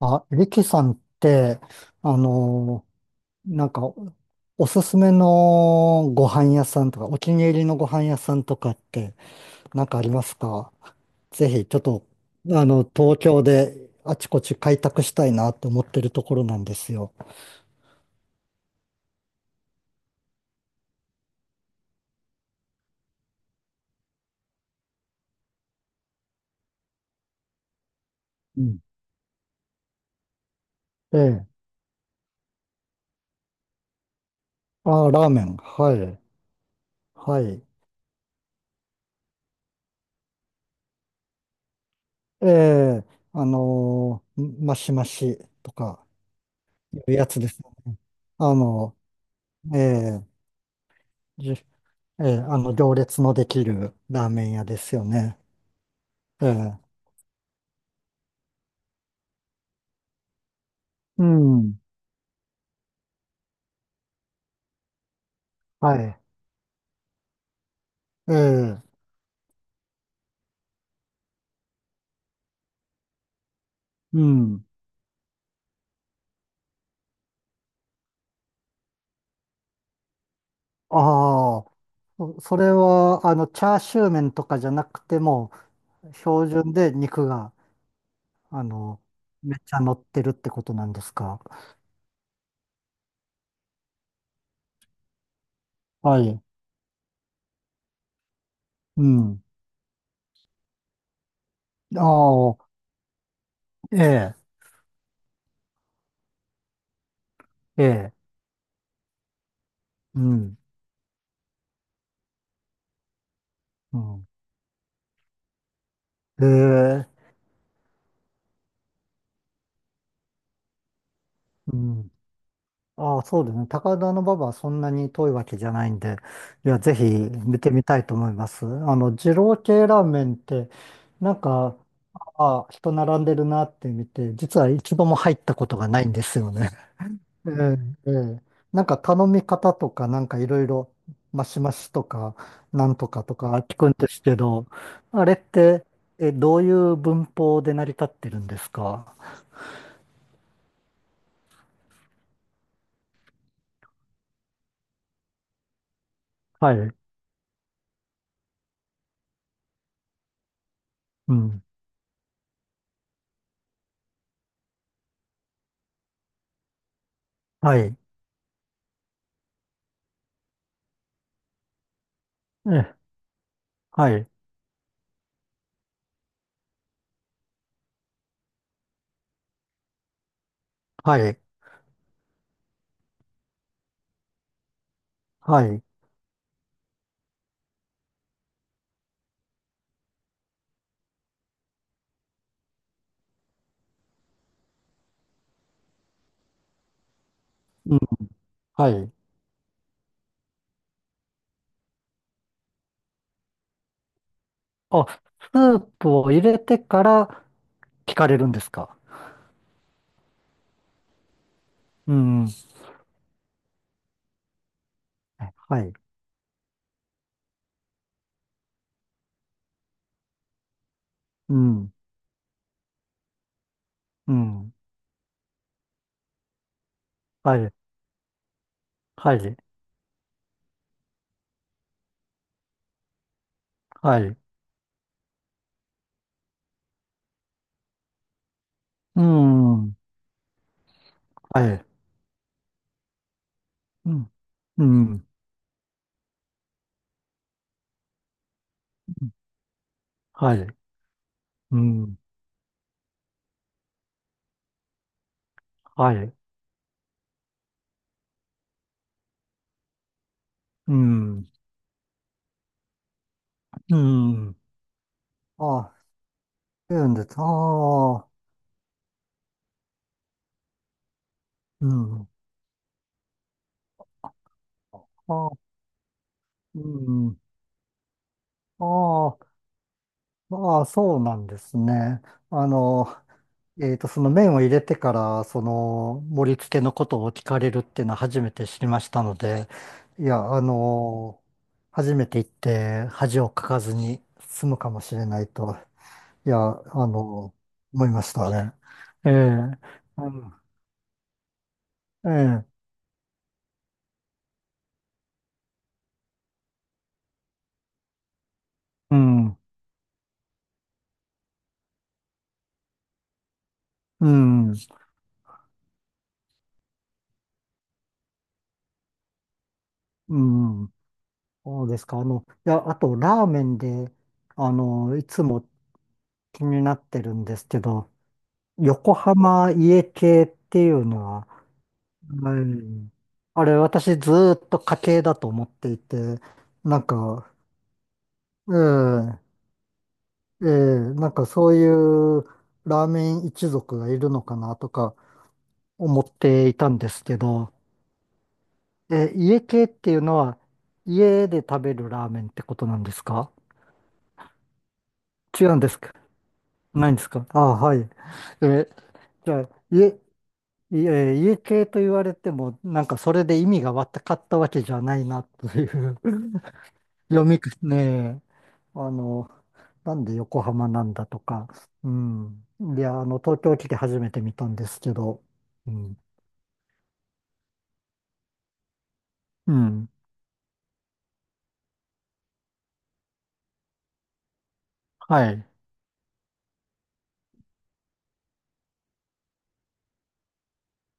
あ、リキさんって、あのーなんか、おすすめのご飯屋さんとか、お気に入りのご飯屋さんとかって、なんかありますか？ぜひ、ちょっと、あの、東京であちこち開拓したいなって思ってるところなんですよ。うん。ええ。あー、ラーメン。はい。はい。ええ、あのーマシマシとか、いうやつですよね。あの、ええ。ええ、あの、行列のできるラーメン屋ですよね。ええ、うん、はい。ええ、うん。ああ、それは、あの、チャーシュー麺とかじゃなくても、標準で肉が、あの、めっちゃ乗ってるってことなんですか？はい。うん。ああ、ええ、ええ、うん、うん。ええ、うん。ああ、そうですね。高田馬場はそんなに遠いわけじゃないんで、いや、ぜひ見てみたいと思います。あの、二郎系ラーメンって、なんか、ああ、人並んでるなって見て、実は一度も入ったことがないんですよね。ええ、ええ。なんか頼み方とか、なんかいろいろ、マシマシとか、なんとかとか聞くんですけど、あれって、え、どういう文法で成り立ってるんですか？はい。うん。はい。ええ、はい。はい。はい。うん、はい。あ、スープを入れてから聞かれるんですか？うん。はい。うん。うん。はい。はい。はい。うん。はい。うん。うん。はい。うん。はい。うん。うん。あ、そうなんです。ああ。うん。あ、うん。ああ。ああ、そうなんですね。あの、えっと、その麺を入れてから、その盛り付けのことを聞かれるっていうのは初めて知りましたので、いや、あの、初めて行って恥をかかずに済むかもしれないと、いや、あの、思いましたね。ええ、うん、ええ、うん、うん、うん、そうですか。あの、いや、あと、ラーメンで、あの、いつも気になってるんですけど、横浜家系っていうのは、はい。あれ私ずーっと家系だと思っていて、なんか、ええええなんかそういうラーメン一族がいるのかなとか思っていたんですけど、え、家系っていうのは家で食べるラーメンってことなんですか？違うんですか？ないんですか？ああ、はい。え、じゃあ、家いえ 家系と言われても、なんかそれで意味がわかったわけじゃないなという 読みくねえ、あの、なんで横浜なんだとか、うん。いや、あの、東京来て初めて見たんですけど、うん。うん。はい。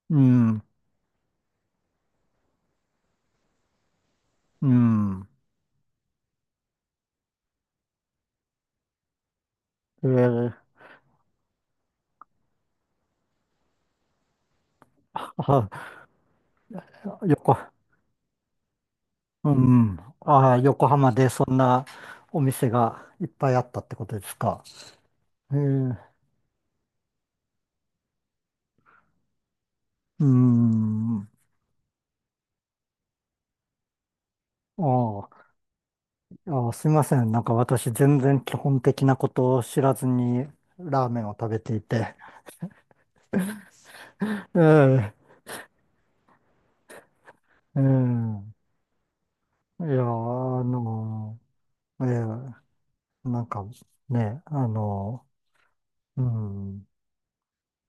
うん。うん。えー、あ、横、うん。ああ、横浜でそんなお店がいっぱいあったってことですか？えー、うん。ああ。あ、すいません。なんか私全然基本的なことを知らずにラーメンを食べていて。ええ、ええ。いや、あの、ええ、なんかね、あの、うん。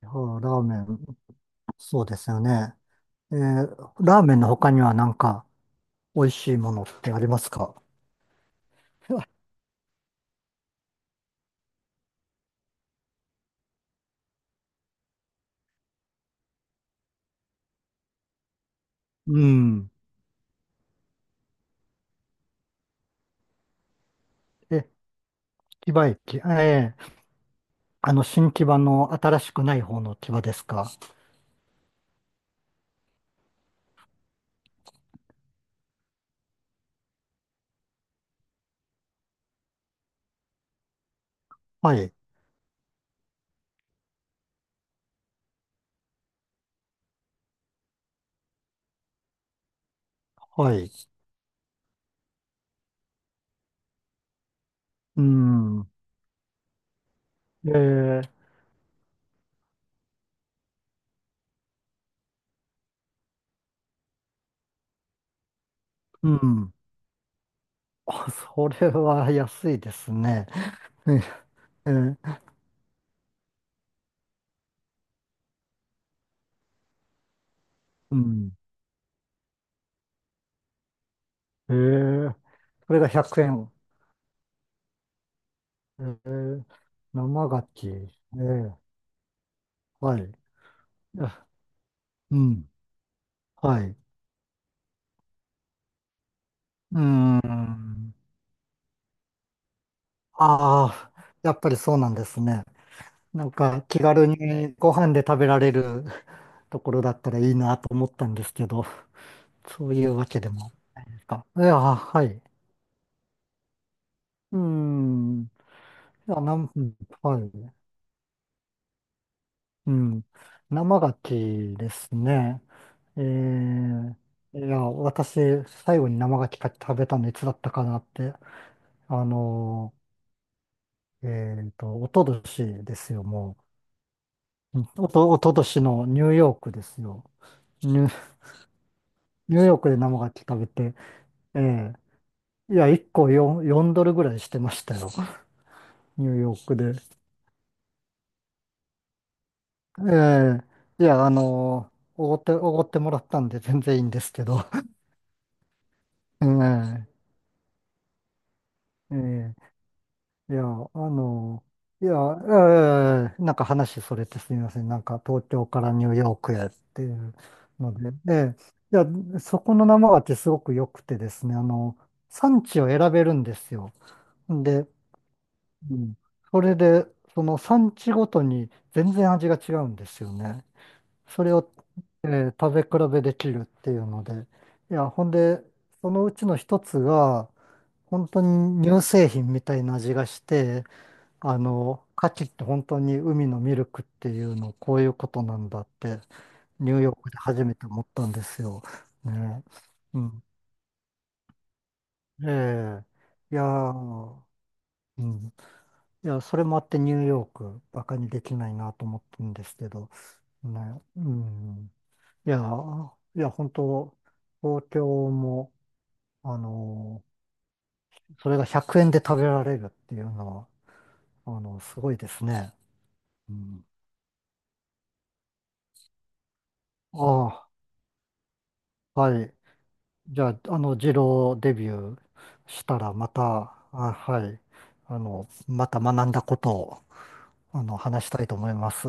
いやラーメン、そうですよね。ええ、ラーメンの他にはなんか美味しいものってありますか？ うん。え、木場駅。ええ、あの、新木場の新しくない方の木場ですか？はい、はい。うん。ええうん。あ、それは安いですね。ええうん。えー、それが100円。ええ、生牡蠣。ええ、はい。あうん。はい。うん。ああ、やっぱりそうなんですね。なんか気軽にご飯で食べられる ところだったらいいなと思ったんですけど、そういうわけでもないか。いや、はい。うん。いや、なん、うんはい。うん。生牡蠣ですね。えー、いや、私、最後に生牡蠣食べたのいつだったかなって、あのー、えっと、おととしですよ、もう。うんおと、おととしのニューヨークですよ。ニュ、ニューヨークで生牡蠣食べて、ええいや、1個4、よんドルぐらいしてましたよ、ニューヨークで。ええいや、あのー、おごって、おごってもらったんで全然いいんですけど、えー、ええ。いや、あの、いや、ええなんか話それてすみません。なんか東京からニューヨークへっていうので、で、いや、そこの生ってすごく良くてですね、あの、産地を選べるんですよ。で、うん、それで、その産地ごとに全然味が違うんですよね。それを、えー食べ比べできるっていうので、いや、ほんで、そのうちの一つが、本当に乳製品みたいな味がして、あの、牡蠣って本当に海のミルクっていうの、こういうことなんだって、ニューヨークで初めて思ったんですよ。ね。うん。ええ。いやー、うん。いや、それもあってニューヨーク、バカにできないなと思ってるんですけど、ね。うん。いやー、いや、本当、東京も、あのーそれが100円で食べられるっていうのは、あの、すごいですね。うん。ああ、はい。じゃあ、あの、二郎デビューしたら、また、あ、はい、あの、また学んだことを、あの、話したいと思います。